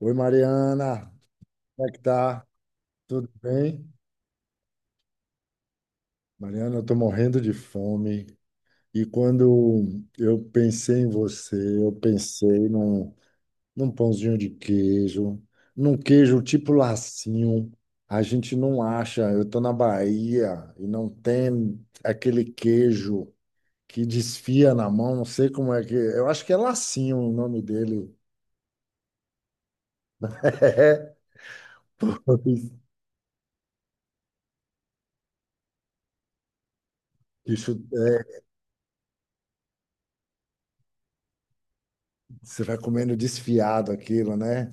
Oi, Mariana, como é que tá? Tudo bem? Mariana, eu tô morrendo de fome. E quando eu pensei em você, eu pensei num, num pãozinho de queijo, num queijo tipo lacinho. A gente não acha, eu tô na Bahia e não tem aquele queijo que desfia na mão, não sei como é que. Eu acho que é lacinho o nome dele. É, pois, isso, é, você vai comendo desfiado aquilo, né?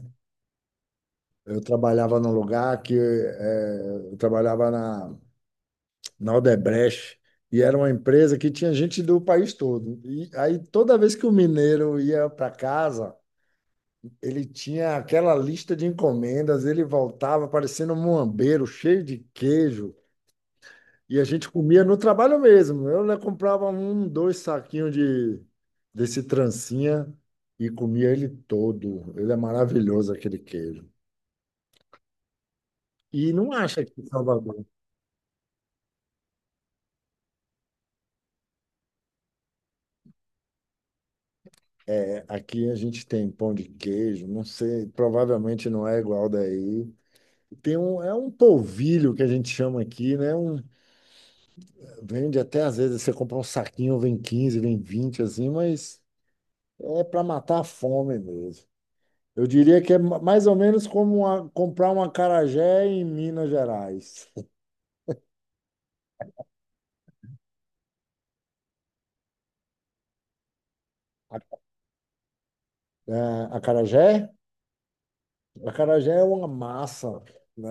Eu trabalhava num lugar que eu trabalhava na, na Odebrecht e era uma empresa que tinha gente do país todo. E aí toda vez que o mineiro ia para casa, ele tinha aquela lista de encomendas, ele voltava parecendo um muambeiro, cheio de queijo, e a gente comia no trabalho mesmo. Eu, né, comprava um, dois saquinhos de desse trancinha e comia ele todo. Ele é maravilhoso aquele queijo. E não acha que em Salvador. Aqui a gente tem pão de queijo, não sei, provavelmente não é igual daí. Tem um, é um polvilho que a gente chama aqui, né? Um, vende até às vezes você compra um saquinho, vem 15, vem 20, assim, mas é para matar a fome mesmo. Eu diria que é mais ou menos como uma- comprar um acarajé em Minas Gerais. A, é, acarajé? Acarajé é uma massa, né?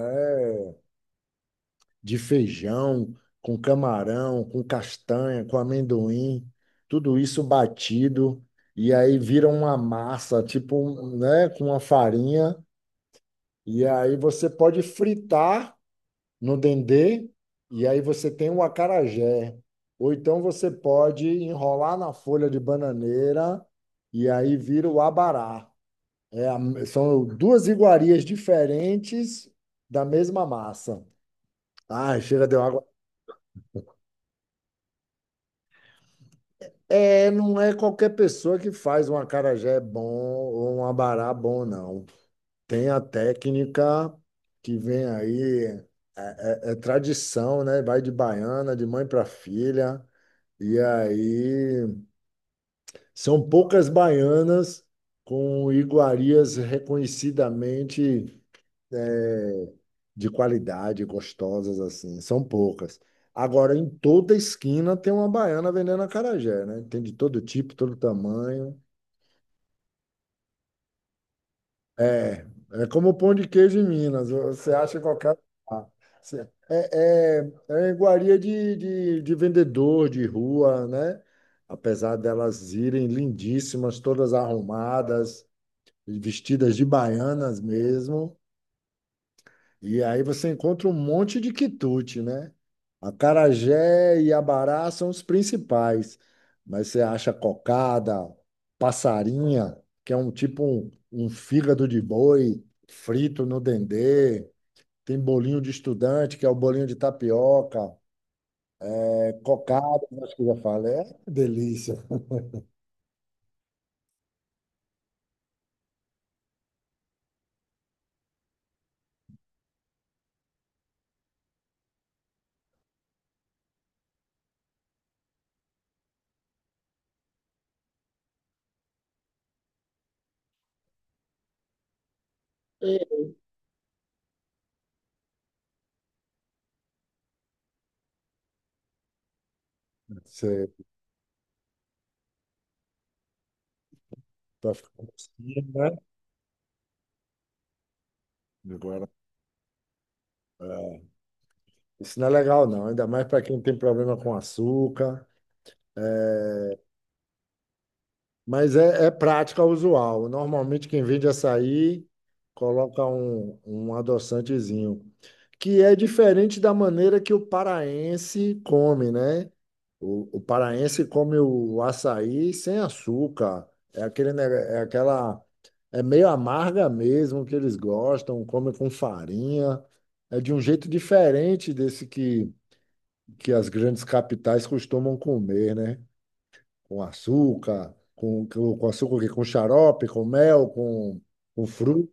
De feijão, com camarão, com castanha, com amendoim, tudo isso batido, e aí vira uma massa, tipo, um, né, com uma farinha, e aí você pode fritar no dendê, e aí você tem o acarajé. Ou então você pode enrolar na folha de bananeira, e aí vira o abará. É são duas iguarias diferentes da mesma massa. Ai, chega, deu água. É, não é qualquer pessoa que faz um acarajé bom ou um abará bom, não. Tem a técnica que vem aí, é tradição, né? Vai de baiana, de mãe para filha. E aí são poucas baianas com iguarias reconhecidamente de qualidade, gostosas assim, são poucas. Agora, em toda esquina tem uma baiana vendendo acarajé, né? Tem de todo tipo, todo tamanho. É, é como o pão de queijo em Minas, você acha em qualquer lugar. Você- É, é, é iguaria de vendedor de rua, né? Apesar delas irem lindíssimas, todas arrumadas, vestidas de baianas mesmo. E aí você encontra um monte de quitute, né? Acarajé e abará são os principais, mas você acha cocada, passarinha, que é um tipo um fígado de boi frito no dendê, tem bolinho de estudante, que é o bolinho de tapioca, é cocada, acho que eu já falei, é uma delícia. É. Você para ficar assim, né? Agora, é, isso não é legal não, ainda mais para quem tem problema com açúcar. É, mas é, é prática usual. Normalmente quem vende açaí coloca um adoçantezinho, que é diferente da maneira que o paraense come, né? O paraense come o açaí sem açúcar. É aquele, é aquela, é meio amarga mesmo que eles gostam, come com farinha. É de um jeito diferente desse que as grandes capitais costumam comer, né? Com açúcar, com, com açúcar, o quê? Com xarope, com mel, com fruta.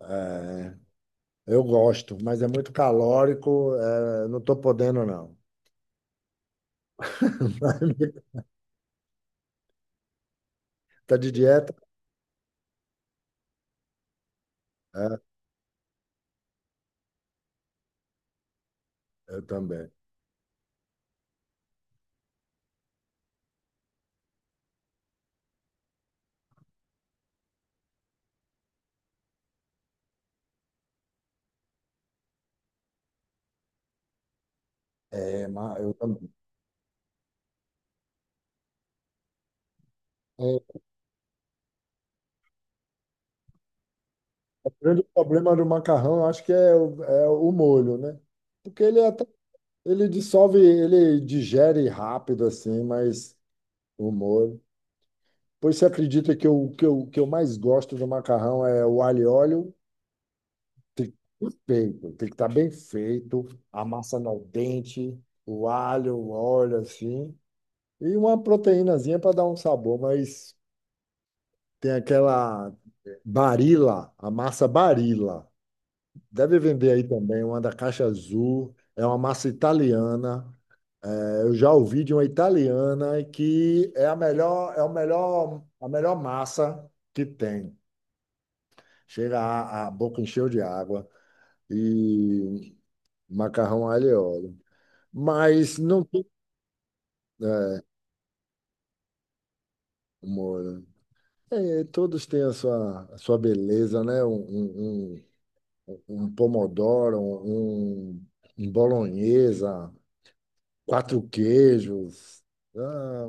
É, eu gosto, mas é muito calórico, é, não estou podendo, não. Tá de dieta? É, eu também. É, eu também. É, o grande problema do macarrão, eu acho que é, é o molho, né? Porque ele é até, ele dissolve, ele digere rápido, assim, mas o molho. Pois você acredita que o que eu mais gosto do macarrão é o alho e óleo. Tem que ser feito, tem que estar bem feito, a massa no dente, o alho, o óleo assim, e uma proteínazinha para dar um sabor, mas tem aquela Barilla, a massa Barilla. Deve vender aí também, uma da caixa azul, é uma massa italiana. É, eu já ouvi de uma italiana que é a melhor, a melhor massa que tem. Chega a boca encheu de água e macarrão alho e óleo. Mas não tem é, humor. Né? É, todos têm a sua beleza, né? Um pomodoro, um bolonhesa, quatro queijos. Ah,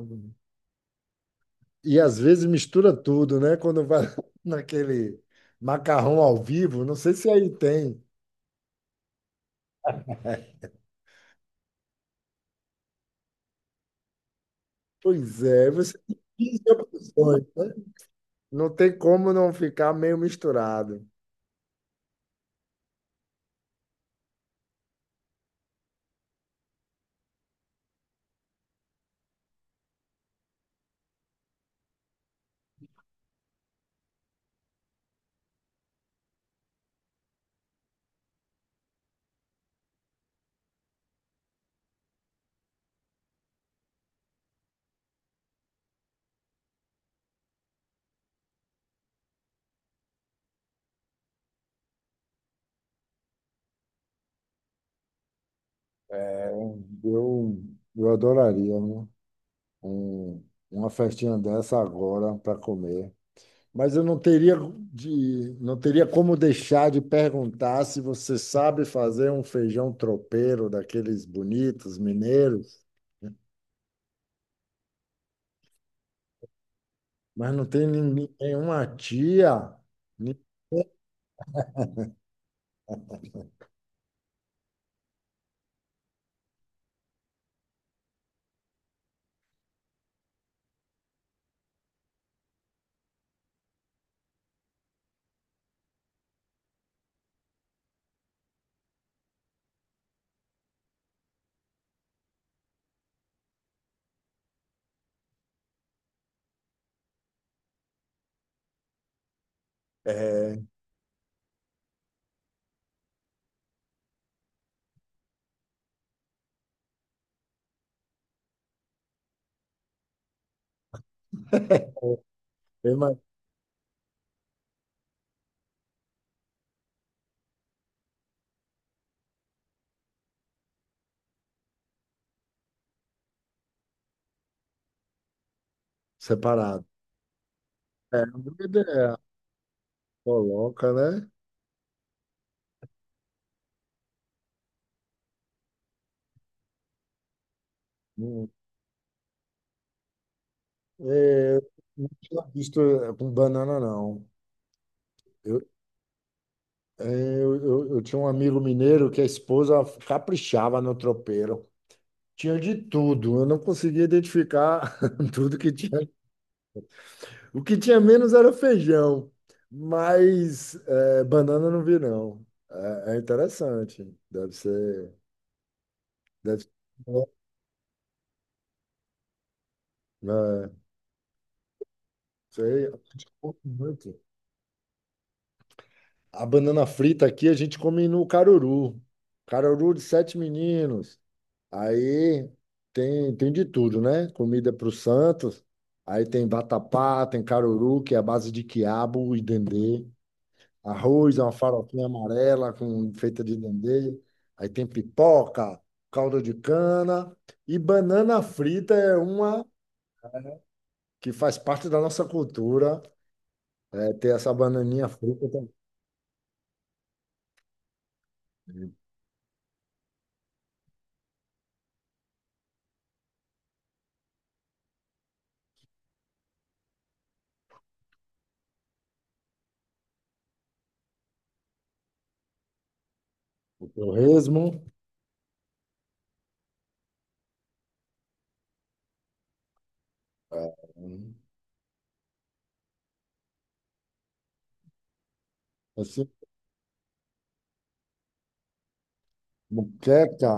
e às vezes mistura tudo, né? Quando vai naquele macarrão ao vivo, não sei se aí tem. Pois é, você tem 15 opções, né? Não tem como não ficar meio misturado. Eu, eu adoraria, né? um- uma festinha dessa agora para comer. Mas eu não teria de, não teria como deixar de perguntar se você sabe fazer um feijão tropeiro daqueles bonitos mineiros, né? Mas não tem ninguém- nenhuma tia. Ni- é, é mais separado. É uma boa ideia. Coloca, né? Hum, é, não tinha visto é, com banana, não. Eu, é, eu tinha um amigo mineiro que a esposa caprichava no tropeiro. Tinha de tudo. Eu não conseguia identificar tudo que tinha. O que tinha menos era feijão, mas é, banana eu não vi, não. É, é interessante. Deve ser. Deve ser. Bom, né? Sei, a gente come muito. A banana frita aqui a gente come no caruru. Caruru de sete meninos. Aí Tem, tem de tudo, né? Comida para os santos. Aí tem vatapá, tem caruru, que é a base de quiabo e dendê. Arroz, é uma farofinha amarela com, feita de dendê. Aí tem pipoca, caldo de cana. E banana frita é uma que faz parte da nossa cultura. É, ter essa bananinha frita também. O torresmo, é, assim, moqueca.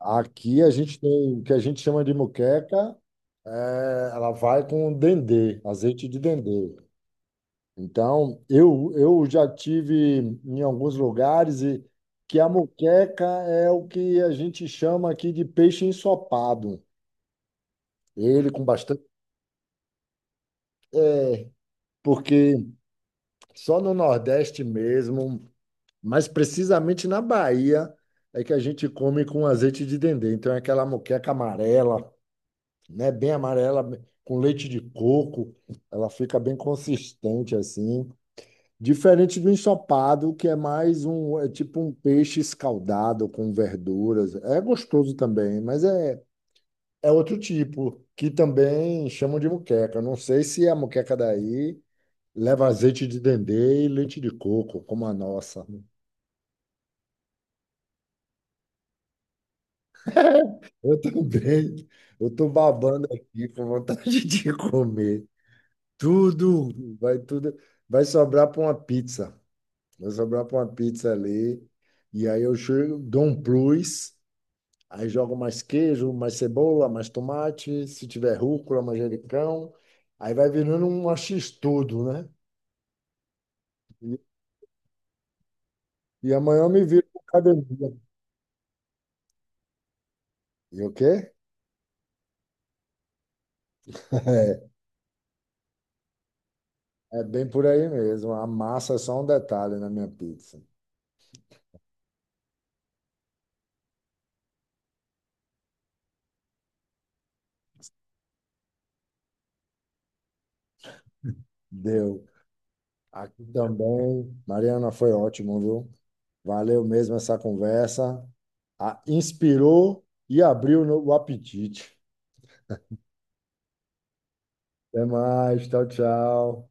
Aqui a gente tem o que a gente chama de moqueca, é, ela vai com dendê, azeite de dendê. Então, eu já tive em alguns lugares e que a moqueca é o que a gente chama aqui de peixe ensopado. Ele com bastante. É, porque só no Nordeste mesmo, mas precisamente na Bahia, é que a gente come com azeite de dendê. Então, é aquela moqueca amarela, né? Bem amarela, com leite de coco. Ela fica bem consistente assim. Diferente do ensopado, que é mais um, é tipo um peixe escaldado com verduras. É gostoso também, mas é, é outro tipo, que também chamam de moqueca. Eu não sei se a moqueca daí leva azeite de dendê e leite de coco, como a nossa. Eu também, eu tô babando aqui com vontade de comer. Tudo, vai sobrar para uma pizza. Vai sobrar para uma pizza ali. E aí eu chego, dou um plus, aí jogo mais queijo, mais cebola, mais tomate, se tiver rúcula, manjericão. Aí vai virando um x-tudo, né? E, e amanhã eu me viro com academia. E o quê? É bem por aí mesmo. A massa é só um detalhe na minha pizza. Deu. Aqui também. Mariana, foi ótimo, viu? Valeu mesmo essa conversa. Ah, inspirou e abriu no- o apetite. Até mais. Tchau, tchau.